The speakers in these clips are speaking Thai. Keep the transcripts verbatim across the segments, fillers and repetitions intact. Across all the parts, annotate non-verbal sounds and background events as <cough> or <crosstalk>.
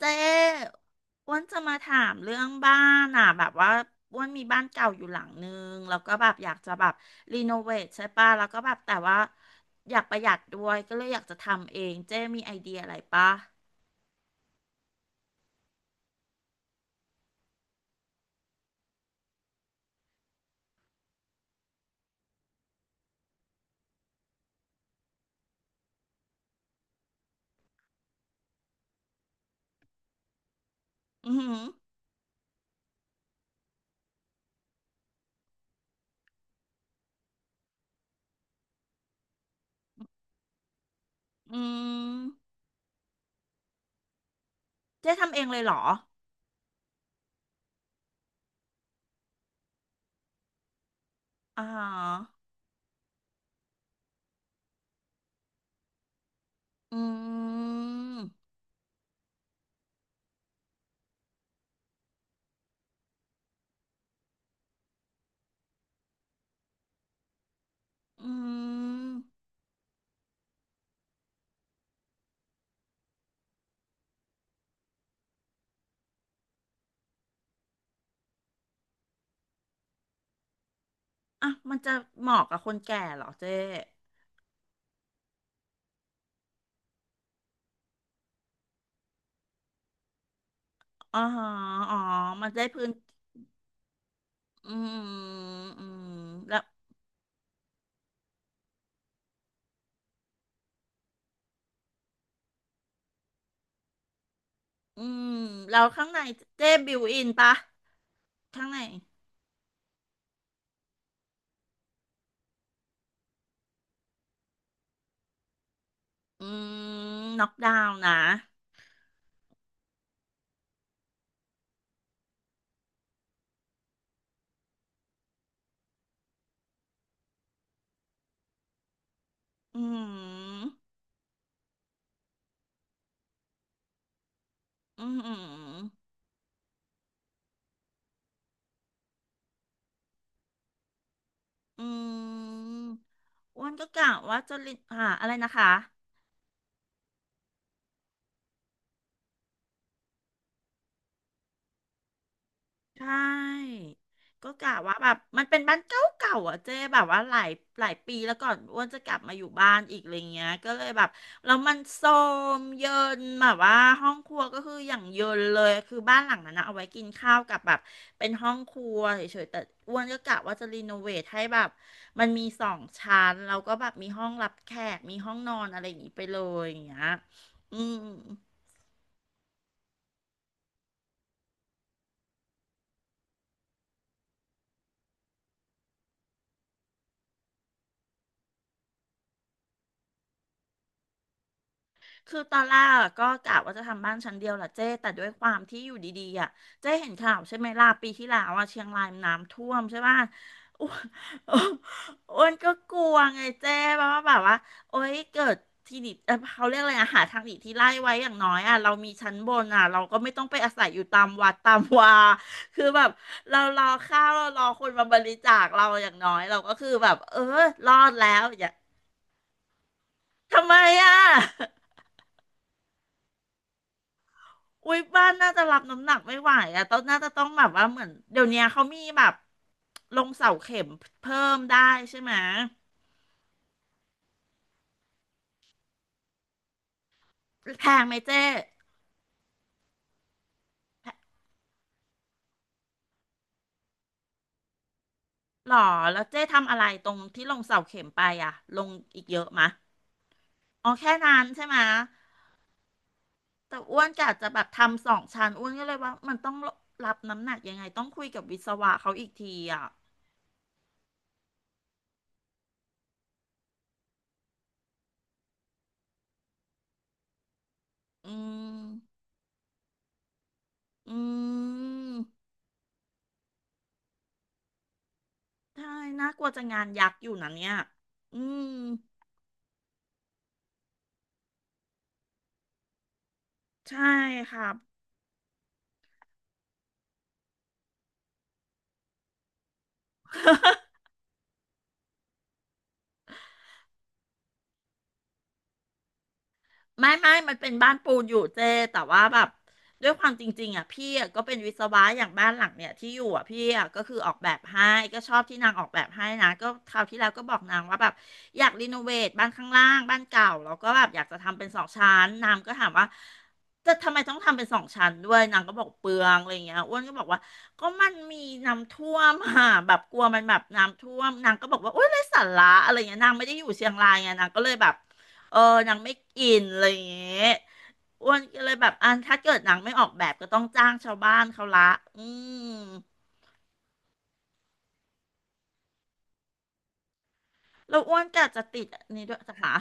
เจ๊อ้วนจะมาถามเรื่องบ้านอ่ะแบบว่าอ้วนมีบ้านเก่าอยู่หลังนึงแล้วก็แบบอยากจะแบบรีโนเวทใช่ป่ะแล้วก็แบบแต่ว่าอยากประหยัดด้วยก็เลยอยากจะทำเองเจ๊มีไอเดียอะไรป่ะอือหืออืมเจ๊ทำเองเลยเหรออ่าฮะอืมอืมอ่ะมันจะเหมาะกับคนแก่เหรอเจ๊อ๋อฮะอ๋อมันได้พื้นอืมอืมแล้ว อืมแล้วข้างในเจ๊บิวอินปะข้างในอืมน็อกดาวน์นะอืมอืมอืมอืมอ้วนก็กะว่าจะลินหาอะไรนะคะ ใช่ก็กะว่าแบบมันเป็นบ้านเก่าเก่าอ่ะเจ๊แบบว่าหลายหลายปีแล้วก่อนอ้วนจะกลับมาอยู่บ้านอีกอะไรเงี้ยก็เลยแบบแล้วมันโทรมเยินแบบว่าห้องครัวก็คืออย่างเยินเลยคือบ้านหลังนั้นนะเอาไว้กินข้าวกับแบบเป็นห้องครัวเฉยๆแต่อ้วนก็กะว่าจะรีโนเวทให้แบบมันมีสองชั้นแล้วก็แบบมีห้องรับแขกมีห้องนอนอะไรอย่างงี้ไปเลยอย่างเงี้ยอืม คือตอนแรกอะก็กะว่าจะทำบ้านชั้นเดียวแหละเจ้แต่ด้วยความที่อยู่ดีๆอ่ะเจ้เห็นข่าวใช่ไหมล่ะปีที่แล้วอ่ะเชียงรายน้ำท่วมใช่ป่ะ <laughs> อ้วนอ้วนก็กลัวไงเจ้าว่าแบบว่าโอ๊ยเกิดที่หนีเอ่อเขาเรียกอะไรอะหาทางหนีที่ไล่ไว้อย่างน้อยอ่ะเรามีชั้นบนอ่ะเราก็ไม่ต้องไปอาศัยอยู่ตามวัดตามวาคือแบบเรารอข้าวเรารอคนมาบริจาคเราอย่างน้อยเราก็คือแบบเออรอดแล้วอย่าทำไมอ่ะ อุ้ยบ้านน่าจะรับน้ำหนักไม่ไหวอะต้องน่าจะต้องแบบว่าเหมือนเดี๋ยวนี้เขามีแบบลงเสาเข็มเพิ่มได้ใช่ไหมแพงไหมเจ๊แพหรอแล้วเจ๊ทำอะไรตรงที่ลงเสาเข็มไปอะลงอีกเยอะมะอ๋อแค่นั้นใช่ไหมแต่อ้วนกะจะแบบทำสองชั้นอ้วนก็เลยว่ามันต้องรับน้ำหนักยังไงต้องคุยกับวิศวะเขาอีกทีอะอืมอืมใช่น่ากลัวจะงานยักษ์อยู่นะเนี่ยอืมใช่ครับ <laughs> ไม่ไม่ มันเป็นบ้านปูนอยู่เจ้แต่ว่าแบบด้วยความจริงๆอ่ะพี่อะก็เป็นวิศวะอย่างบ้านหลังเนี่ยที่อยู่อ่ะพี่อะก็คือออกแบบให้ก็ชอบที่นางออกแบบให้นะก็คราวที่แล้วก็บอกนางว่าแบบอยากรีโนเวทบ้านข้างล่างบ้านเก่าแล้วก็แบบอยากจะทำเป็นสองชั้นนางก็ถามว่าจะทำไมต้องทำเป็นสองชั้นด้วยนางก็บอกเปลืองอะไรเงี้ยอ้วนก็บอกว่าก็มันมีน้ำท่วมอ่ะแบบกลัวมันแบบน้ำท่วมนางก็บอกว่าโอ๊ยไร้สาระอะไรเงี้ยนางไม่ได้อยู่เชียงรายไงนางก็เลยแบบ เออนางไม่กินอะไรอย่างเงี้ยอ้วนก็เลยแบบอันถ้าเกิดหนังไม่ออกแบบก็ต้องจ้างชาวบ้านเขาละอืมแล้วอ้วนก็จะติดอันนี้ด้วยจ้ะคะ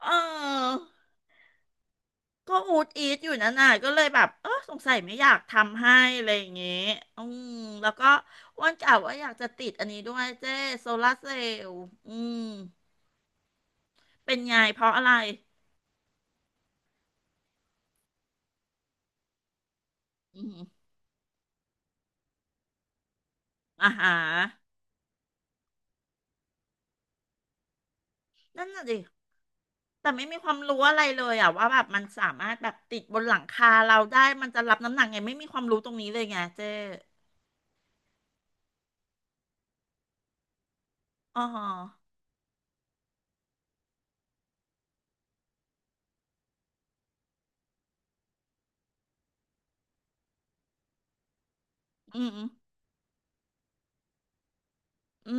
เออก็อูดอีทอยู่นั่นน่ะก็เลยแบบเออสงสัยไม่อยากทำให้อะไรอย่างเงี้ยอืมแล้วก็อ้วนกะว่าอยากจะติดอันนี้ด้วยเจ้โซลาร์เซลล์อืมเป็นไงเพราะอะไรอืมอาหารนั่นน่ะดิ แต่ไม่มีความรู้อะไรเลยอะว่าแบบมันสามารถแบบติดบนหลังคาเราได้มันจะรับน้ำหนักไงไม่มีความรู้ตรงนี้เลยไงเจ๊อ๋ออืมอื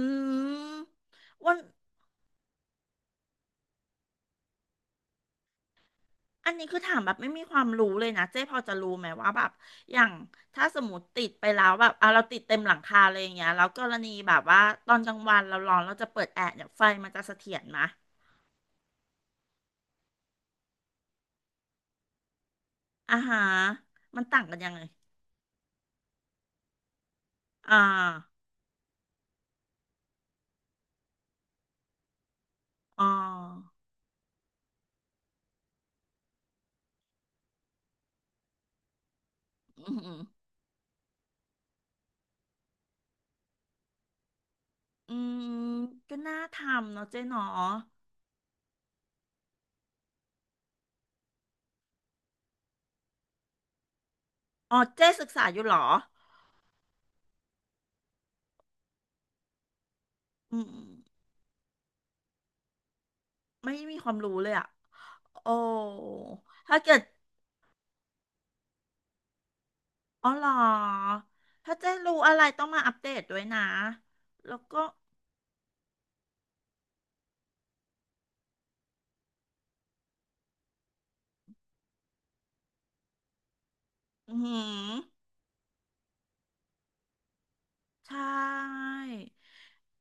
มวันอันนี้คือถามแบบไม่มีความรู้เลยนะเจ๊พอจะรู้ไหมว่าแบบอย่างถ้าสมมติติดไปแล้วแบบเอาเราติดเต็มหลังคาเลยอย่างเงี้ยแล้วกรณีแบบว่าตอนกลางวันเราร้อนเราจะเปิดแอร์เนี่ยไฟมันจะเสถียรไหมอ่าฮะมันต่างกันยังไงอ่าอ๋ออืม อืมก็น่าทำเนาะเจ๊เนาะอ๋อเจ๊ศึกษาอยู่เหรออืมไม่มีความรู้เลยอ่ะโอ้ถ้าเกิดอ๋อเหรอถ้าเจ๊รู้อะไรต้องมาอัปเดตด้วยนะแล้วก็อืมใช่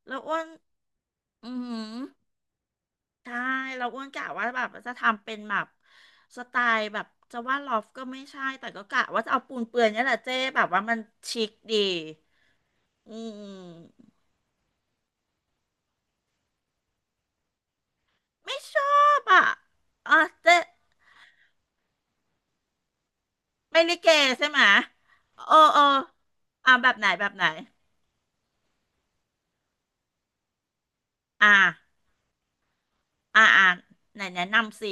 แล้วอ้วนอืมใช่แล้วอ้วนกะว่าแบบจะทำเป็นแบบสไตล์แบบจะว่าลอฟก็ไม่ใช่แต่ก็กะว่าจะเอาปูนเปื่อยเนี่ยแหละเจ๊แบบว่ามันชิคดีอืม ไม่ชอบอ่ะอ่ะเจ๊ไปลิเกใช่ไหมเออเอออ่ะแบบไหนแบบไหน อ่า อ่าอ่าไหนแนะนำสิ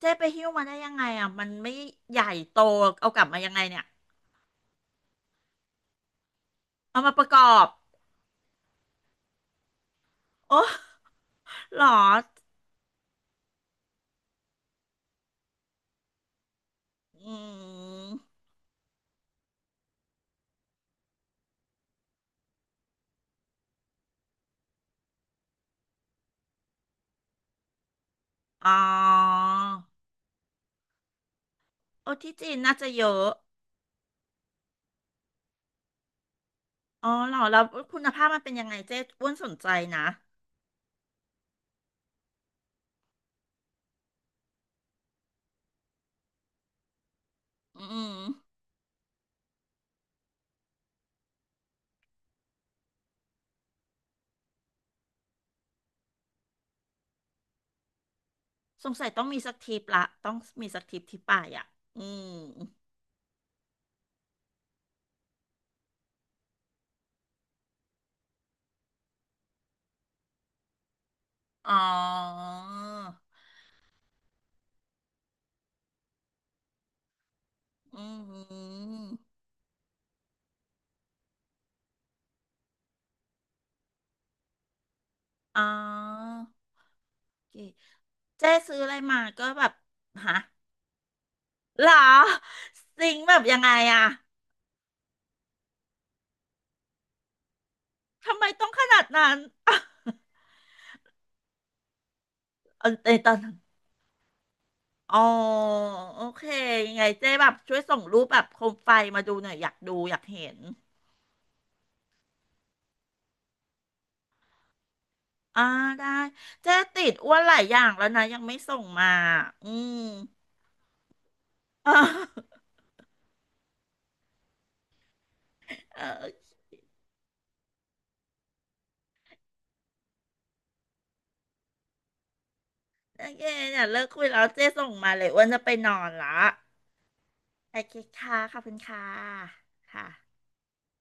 เจ๊ไปหิ้วมาได้ยังไงอ่ะมันไม่ใหญ่โตเอากลับมายังไงเนี่ยเอามาประกอบโอ้หรออืมอ๋อโอ้ที่จีนน่าจะเยอะอ๋อหรอแล้วคุณภาพมันเป็นยังไงเจ๊อ้วนสนใจนะอืม สงสัยต้องมีสักทริปละต้องมีสักทริปที่ป่ายอ่ะอืม อ๋ออืมอหืออ๋อโอเคเจ๊ซื้ออะไรมาก็แบบฮะหรอซิงค์แบบยังไงอะทำไมต้องขนาดนั้นอะ <laughs> เออในตอนนั้นอ๋อ โอเค ยังไงเจ๊แบบช่วยส่งรูปแบบโคมไฟมาดูหน่อยอยากดูอยากเห็นอ่าได้ เจ๊ติดอ้วนหลายอย่างแล้วนะ ยังไม่ส่งมา อืม <laughs> อ่าเออ โอเคเนี่ยเลิกคุยแล้วเจ๊ส่งมาเลยอ้วนจะไปนอนละโอเคค่ะขอบคุณค่ะค่ะ